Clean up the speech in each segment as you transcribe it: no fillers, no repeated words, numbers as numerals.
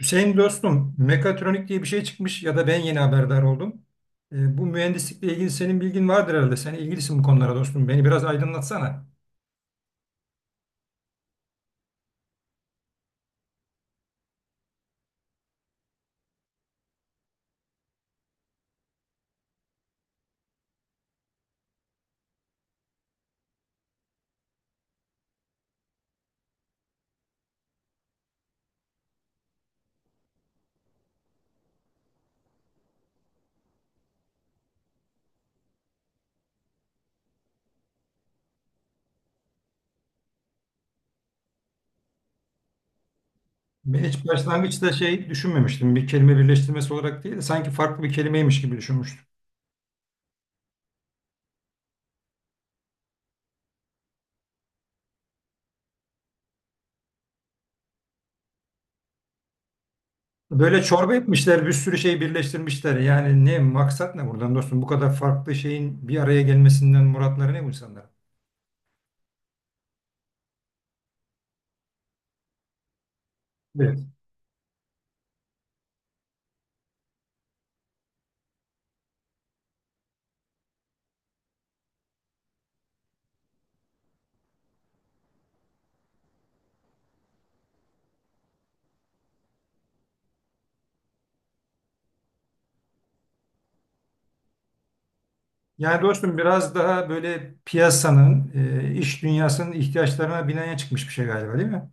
Hüseyin dostum, mekatronik diye bir şey çıkmış ya da ben yeni haberdar oldum. Bu mühendislikle ilgili senin bilgin vardır herhalde. Sen ilgilisin bu konulara dostum. Beni biraz aydınlatsana. Ben hiç başlangıçta şey düşünmemiştim. Bir kelime birleştirmesi olarak değil de sanki farklı bir kelimeymiş gibi düşünmüştüm. Böyle çorba etmişler, bir sürü şey birleştirmişler. Yani ne maksat ne buradan dostum? Bu kadar farklı şeyin bir araya gelmesinden muratları ne bu insanların? Evet. Yani dostum biraz daha böyle piyasanın, iş dünyasının ihtiyaçlarına binaen çıkmış bir şey galiba değil mi?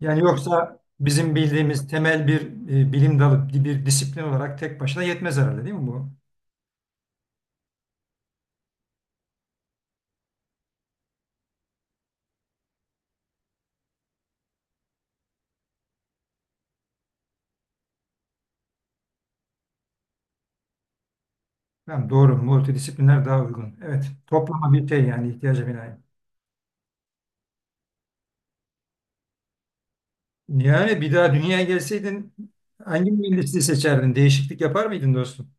Yani yoksa bizim bildiğimiz temel bir bilim dalı, bir disiplin olarak tek başına yetmez herhalde değil mi bu? Tamam, doğru, multidisipliner daha uygun. Evet, toplama bir şey yani ihtiyaca binaen. Yani bir daha dünyaya gelseydin hangi mühendisliği seçerdin? Değişiklik yapar mıydın dostum?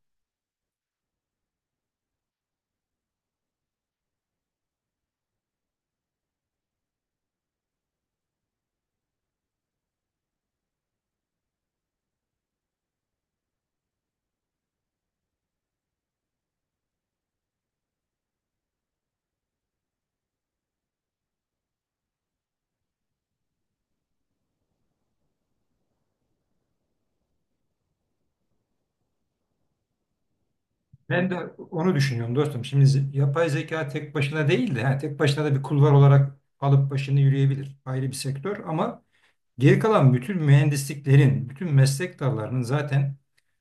Ben de onu düşünüyorum dostum. Şimdi yapay zeka tek başına değil de ha, tek başına da bir kulvar olarak alıp başını yürüyebilir. Ayrı bir sektör ama geri kalan bütün mühendisliklerin, bütün meslek dallarının zaten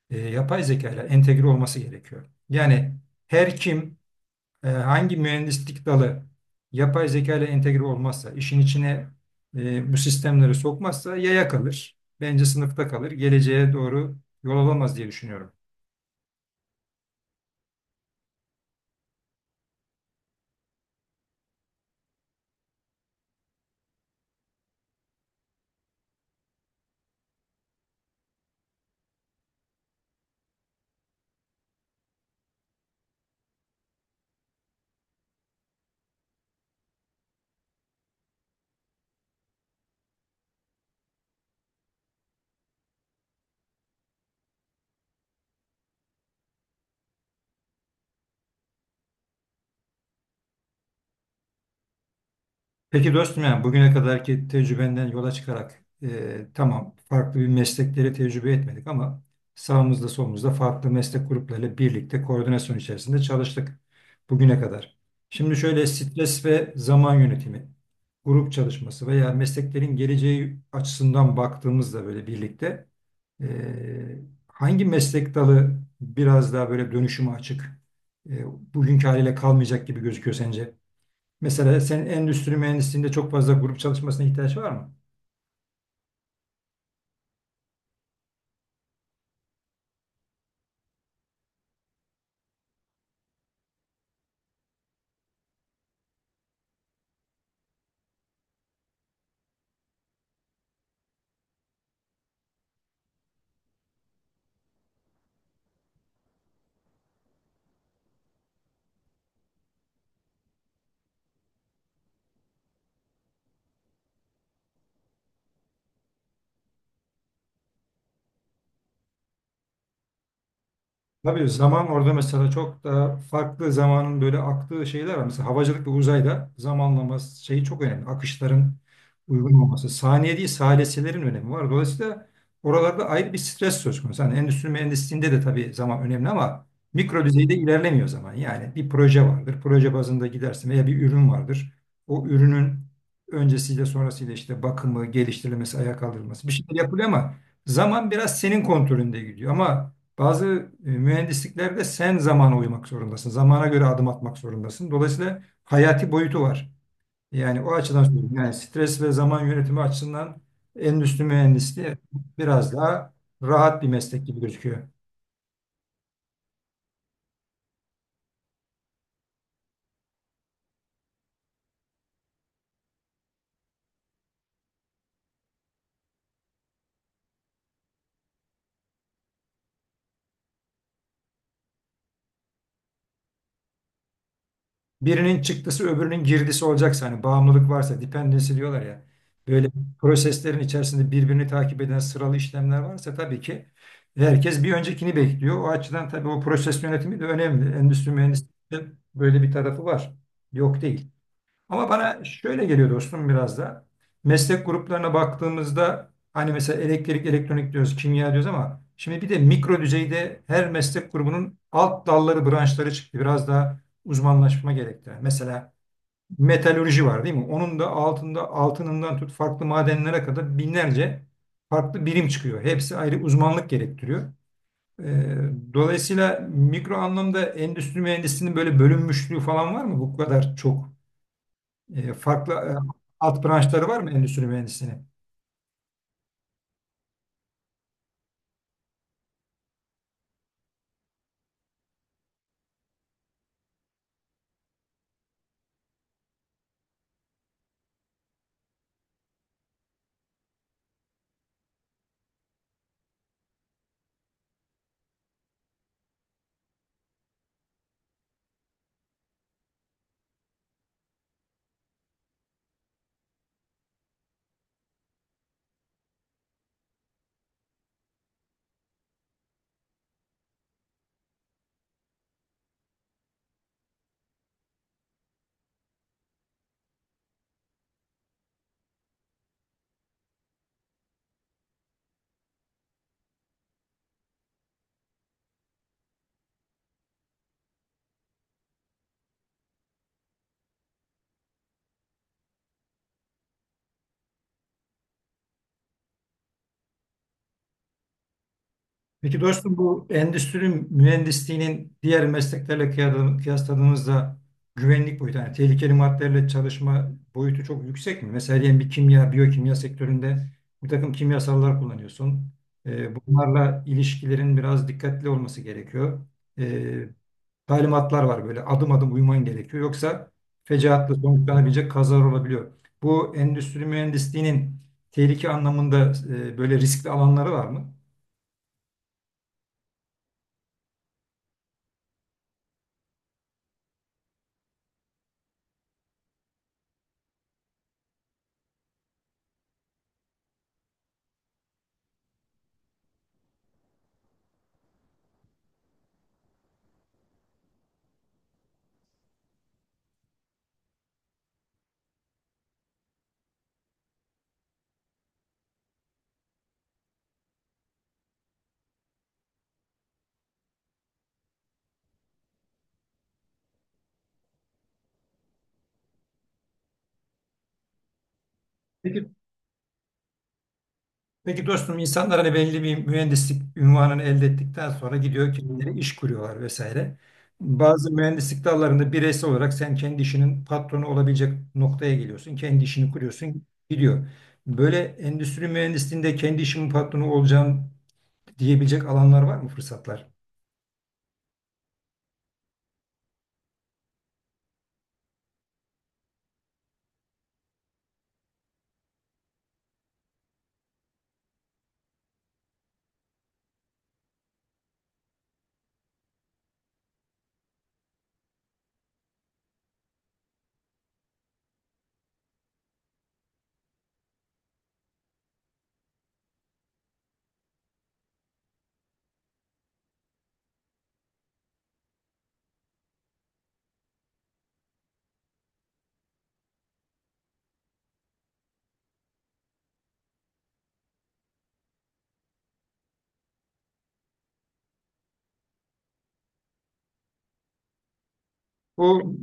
yapay zeka ile entegre olması gerekiyor. Yani her kim hangi mühendislik dalı yapay zeka ile entegre olmazsa, işin içine bu sistemleri sokmazsa yaya kalır. Bence sınıfta kalır. Geleceğe doğru yol alamaz diye düşünüyorum. Peki dostum yani bugüne kadarki tecrübenden yola çıkarak tamam farklı bir meslekleri tecrübe etmedik ama sağımızda solumuzda farklı meslek gruplarıyla birlikte koordinasyon içerisinde çalıştık bugüne kadar. Şimdi şöyle stres ve zaman yönetimi, grup çalışması veya mesleklerin geleceği açısından baktığımızda böyle birlikte e, hangi meslek dalı biraz daha böyle dönüşüme açık, e, bugünkü haliyle kalmayacak gibi gözüküyor sence? Mesela sen endüstri mühendisliğinde çok fazla grup çalışmasına ihtiyaç var mı? Tabii zaman orada mesela çok daha farklı zamanın böyle aktığı şeyler var. Mesela havacılık ve uzayda zamanlama şeyi çok önemli. Akışların uygun olması. Saniye değil salisilerin önemi var. Dolayısıyla oralarda ayrı bir stres söz konusu. Hani endüstri mühendisliğinde de tabii zaman önemli ama mikro düzeyde ilerlemiyor zaman. Yani bir proje vardır. Proje bazında gidersin veya bir ürün vardır. O ürünün öncesiyle sonrasıyla işte bakımı, geliştirilmesi, ayağa kaldırılması bir şeyler yapılıyor ama zaman biraz senin kontrolünde gidiyor. Ama bazı mühendisliklerde sen zamana uymak zorundasın. Zamana göre adım atmak zorundasın. Dolayısıyla hayati boyutu var. Yani o açıdan söylüyorum. Yani stres ve zaman yönetimi açısından endüstri mühendisliği biraz daha rahat bir meslek gibi gözüküyor. Birinin çıktısı öbürünün girdisi olacaksa hani bağımlılık varsa dependency diyorlar ya. Böyle proseslerin içerisinde birbirini takip eden sıralı işlemler varsa tabii ki herkes bir öncekini bekliyor. O açıdan tabii o proses yönetimi de önemli. Endüstri mühendisliğinde böyle bir tarafı var. Yok değil. Ama bana şöyle geliyor dostum biraz da. Meslek gruplarına baktığımızda hani mesela elektrik, elektronik diyoruz, kimya diyoruz ama şimdi bir de mikro düzeyde her meslek grubunun alt dalları, branşları çıktı. Biraz daha uzmanlaşma gerektiren. Mesela metalürji var değil mi? Onun da altında altınından tut farklı madenlere kadar binlerce farklı birim çıkıyor. Hepsi ayrı uzmanlık gerektiriyor. Ee, Dolayısıyla mikro anlamda endüstri mühendisliğinin böyle bölünmüşlüğü falan var mı? Bu kadar çok farklı alt branşları var mı endüstri mühendisliğinin? Peki dostum bu endüstri mühendisliğinin diğer mesleklerle kıyasladığımızda güvenlik boyutu yani tehlikeli maddelerle çalışma boyutu çok yüksek mi? Mesela diyelim bir kimya, biyokimya sektöründe bir takım kimyasallar kullanıyorsun. Bunlarla ilişkilerin biraz dikkatli olması gerekiyor. Ee, Talimatlar var böyle adım adım uyman gerekiyor. Yoksa fecaatla sonuçlanabilecek kazalar olabiliyor. Bu endüstri mühendisliğinin tehlike anlamında böyle riskli alanları var mı? Peki? Peki dostum insanlar hani belli bir mühendislik ünvanını elde ettikten sonra gidiyor kendileri iş kuruyorlar vesaire. Bazı mühendislik dallarında bireysel olarak sen kendi işinin patronu olabilecek noktaya geliyorsun. Kendi işini kuruyorsun gidiyor. Böyle endüstri mühendisliğinde kendi işimin patronu olacağım diyebilecek alanlar var mı fırsatlar? Bu,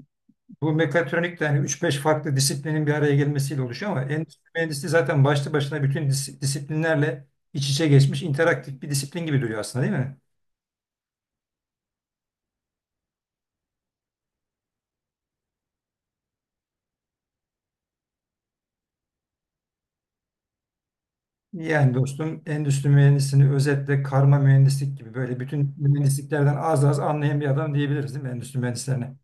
bu mekatronik de hani 3-5 farklı disiplinin bir araya gelmesiyle oluşuyor ama endüstri mühendisliği zaten başlı başına bütün disiplinlerle iç içe geçmiş interaktif bir disiplin gibi duruyor aslında değil mi? Yani dostum endüstri mühendisini özetle karma mühendislik gibi böyle bütün mühendisliklerden az az anlayan bir adam diyebiliriz değil mi endüstri mühendislerine?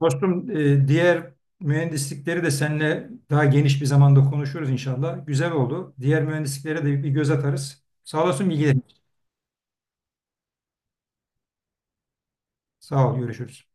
Dostum diğer mühendislikleri de seninle daha geniş bir zamanda konuşuruz inşallah. Güzel oldu. Diğer mühendisliklere de bir göz atarız. Sağ olasın bilgilerin için. Sağ ol, görüşürüz.